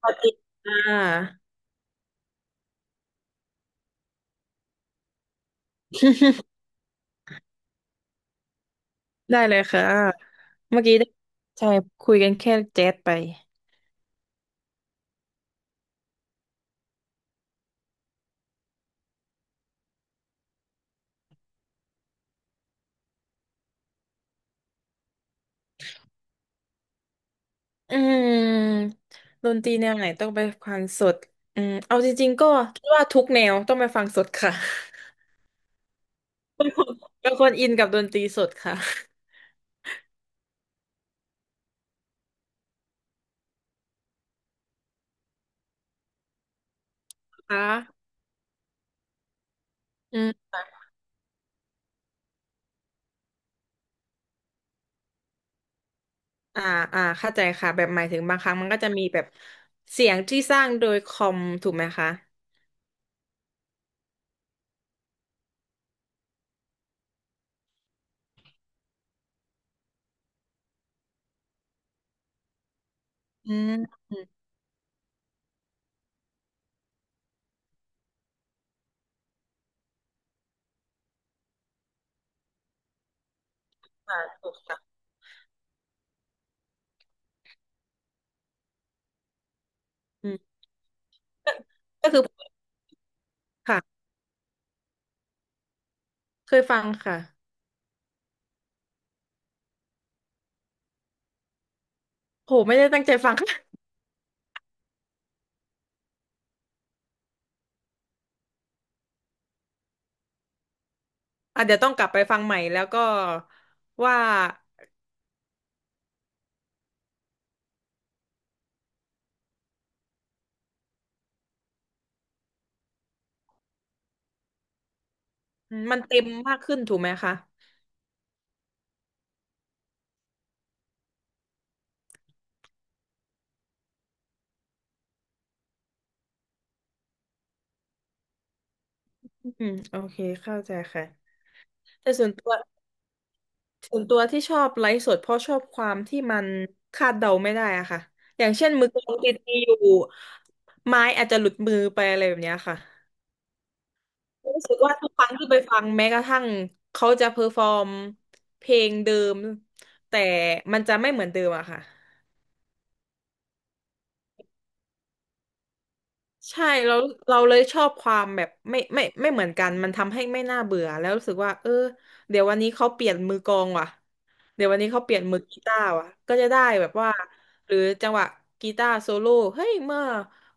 สวัสดีค่ะ ได้เลยค่ะ เมื่อกี้ได้ใช่คุยกันแค่แจ๊สไปอืมดนตรีแนวไหนต้องไปฟังสดอืมเอาจริงๆก็คิดว่าทุกแนวต้องไปฟังสดค่ะ เป็นคนอินกับดนตรีสดค่ะค่ะอืมอ่าอ่าเข้าใจค่ะแบบหมายถึงบางครั้งมันก็จะมีแบบเสียงที่สร้างโดยคอมถูกไหมคะอืมอืมค่ะถูกค่ะอืมก็ก็คือค่ะเคยฟังค่ะโหไม่ได้ตั้งใจฟัง อ่ะเดี๋ยวต้องกลับไปฟังใหม่แล้วก็ว่ามันเต็มมากขึ้นถูกไหมคะอืมโอเคเข้าใจค่ะแต่ส่วนตัวส่วนตัวที่ชอบไลฟ์สดเพราะชอบความที่มันคาดเดาไม่ได้อะค่ะอย่างเช่นมือกลองดีๆอยู่ไม้อาจจะหลุดมือไปอะไรแบบเนี้ยค่ะรู้สึกว่าทุกครั้งที่ไปฟังแม้กระทั่งเขาจะเพอร์ฟอร์มเพลงเดิมแต่มันจะไม่เหมือนเดิมอะค่ะ ใช่เราเลยชอบความแบบไม่เหมือนกันมันทำให้ไม่น่าเบื่อแล้วรู้สึกว่าเออเดี๋ยววันนี้เขาเปลี่ยนมือกลองว่ะเดี๋ยววันนี้เขาเปลี่ยนมือกีตาร์ว่ะก็จะได้แบบว่าหรือจังหวะกีตาร์โซโล่เฮ้ยเมื่อ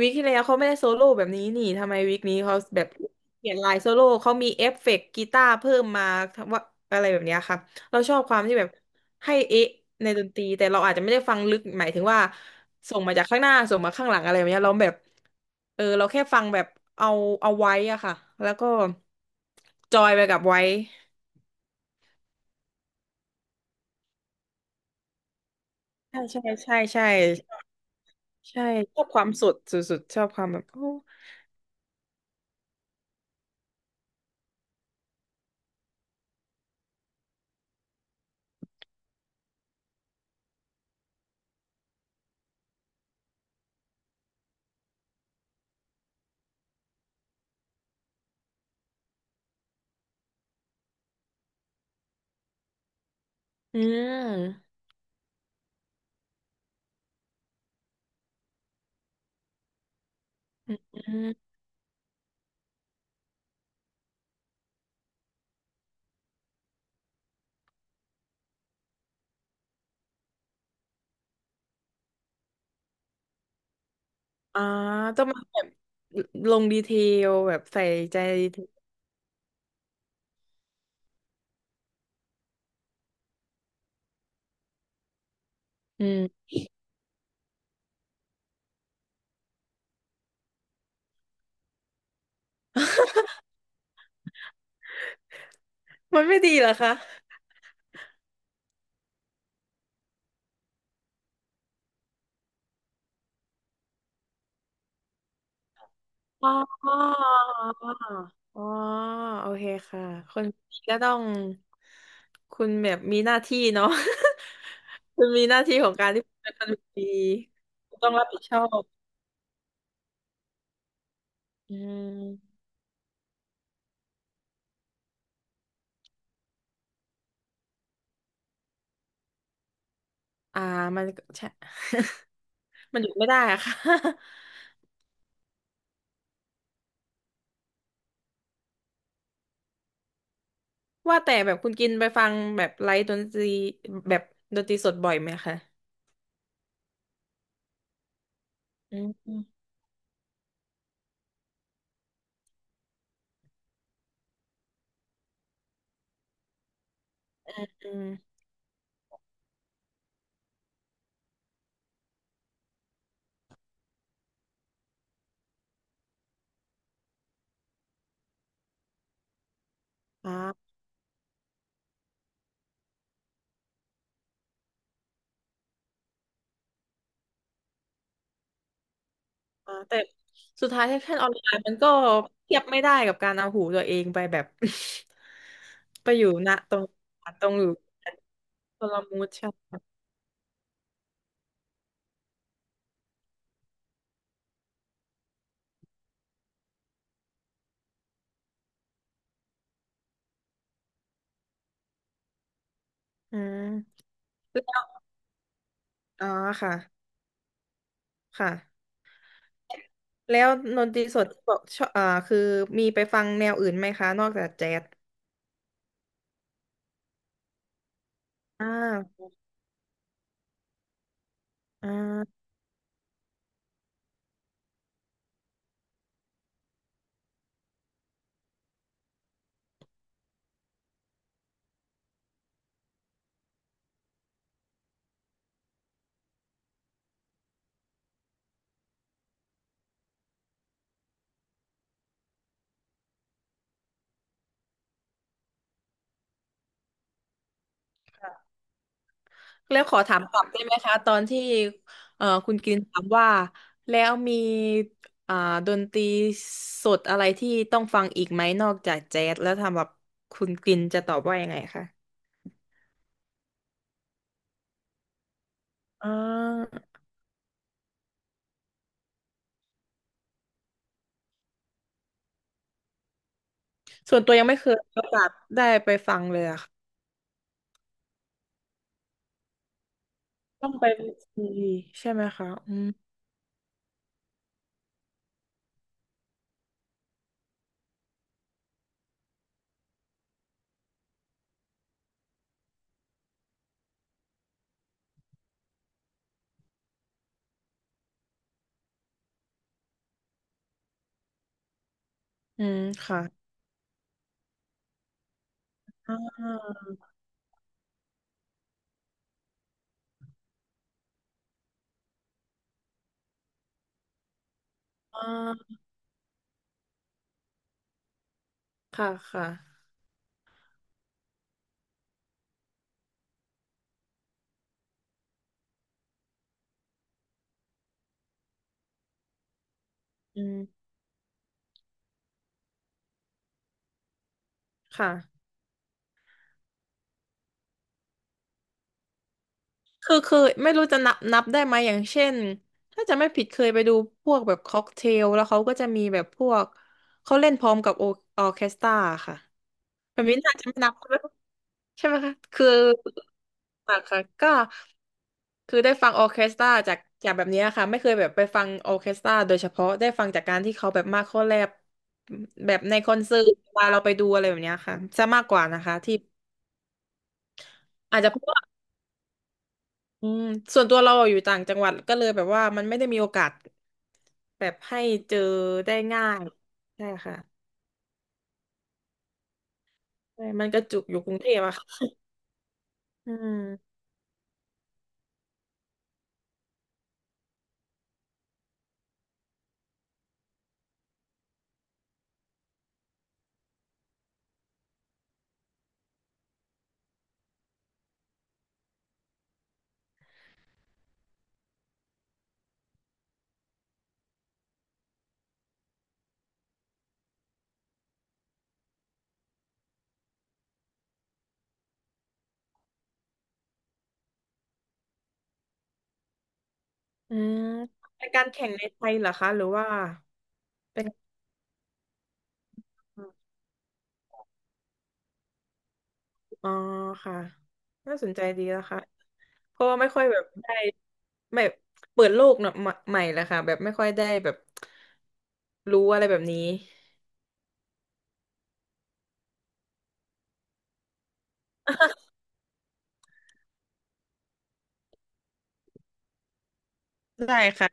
วีคที่แล้วเขาไม่ได้โซโล่แบบนี้นี่ทำไมวีคนี้เขาแบบเปลี่ยนลายโซโล่เขามีเอฟเฟกต์กีตาร์เพิ่มมาทำว่าอะไรแบบเนี้ยค่ะ เราชอบความที่แบบให้เอ๊ะในดนตรีแต่เราอาจจะไม่ได้ฟังลึกหมายถึงว่าส่งมาจากข้างหน้าส่งมาข้างหลังอะไรแบบเนี้ยเราแบบเออเราแค่ฟังแบบเอาไว้อะค่ะแล้วก็จอยไปกับไว้ใช่ใช่ใช่ใช่ใช่ชอบความสดสุดๆชอบความแบบโอ้อืมอืมอ่าต้องมาแบบลงดีเทลแบบใส่ใจดีเทลอืม มันไม่ดีเหรอคะ อ๋ออ๋อโอเคค่ะ คนนี้ก็ต้องคุณแบบมีหน้าที่เนาะ คุณมีหน้าที่ของการที่คุณเป็นคนดีคุณต้องรับผิดชอบอืมอ่ามันก็ใช่ มันหยุดไม่ได้อะค่ะ ว่าแต่แบบคุณกินไปฟังแบบไลฟ์ดนตรีแบบดนตรีสดบ่อยไหมคะอืมอืมอ่า อ่าแต่สุดท้ายแพชั่นออนไลน์มันก็เทียบไม่ได้กับการเอาหูตัวเองไปแบบ ไปอยู่ณตรงตรงอยู่คนละมูดใช่ไหมอืมแล้วอ๋อค่ะค่ะแล้วดนตรีสดบอกชอบอ่าคือมีไปฟังแนวอื่นไหมคะนอกจากแจ๊สอ่าอ่า แล้วขอถามกลับได้ไหมคะตอนที่เอ่อคุณกินถามว่าแล้วมีอ่าดนตรีสดอะไรที่ต้องฟังอีกไหมนอกจากแจ๊สแล้วทำแบบคุณกินจะตอบว่ายังไงคะอ่าส่วนตัวยังไม่เคยมีโอกาสได้ไปฟังเลยอะค่ะต้องไปดีใช่ไหมคะอืมอืมค่ะอ่าอ่าค่ะค่ะอืมค่ะ คือไม่รู้จะนับได้ไหมอย่างเช่นถ้าจะไม่ผิดเคยไปดูพวกแบบค็อกเทลแล้วเขาก็จะมีแบบพวกเขาเล่นพร้อมกับโอออเคสตราค่ะแบบนี้น่าจะไม่นับ ใช่ไหมคะคือค่ะค่ะก็คือได้ฟังออร์เคสตราจากแบบเนี้ยค่ะไม่เคยแบบไปฟังออร์เคสตราโดยเฉพาะได้ฟังจากการที่เขาแบบมาเข้าแลบแบบในคอนเสิร์ตเวลาเราไปดูอะไรแบบเนี้ยค่ะจะมากกว่านะคะที่อาจจะเพราะว่า อืมส่วนตัวเราอยู่ต่างจังหวัดก็เลยแบบว่ามันไม่ได้มีโอกาสแบบให้เจอได้ง่ายใช่ค่ะใช่มันกระจุกอยู่กรุงเทพอะค่ะอืมอืมเป็นการแข่งในไทยเหรอคะหรือว่าเป็นอ๋อค่ะน่าสนใจดีนะคะเพราะว่าไม่ค่อยแบบได้ไม่เปิดโลกเนอะใหม่ใหม่แล้วค่ะแบบไม่ค่อยได้แบบรู้อะไรแบบนี้ ได้ค่ะ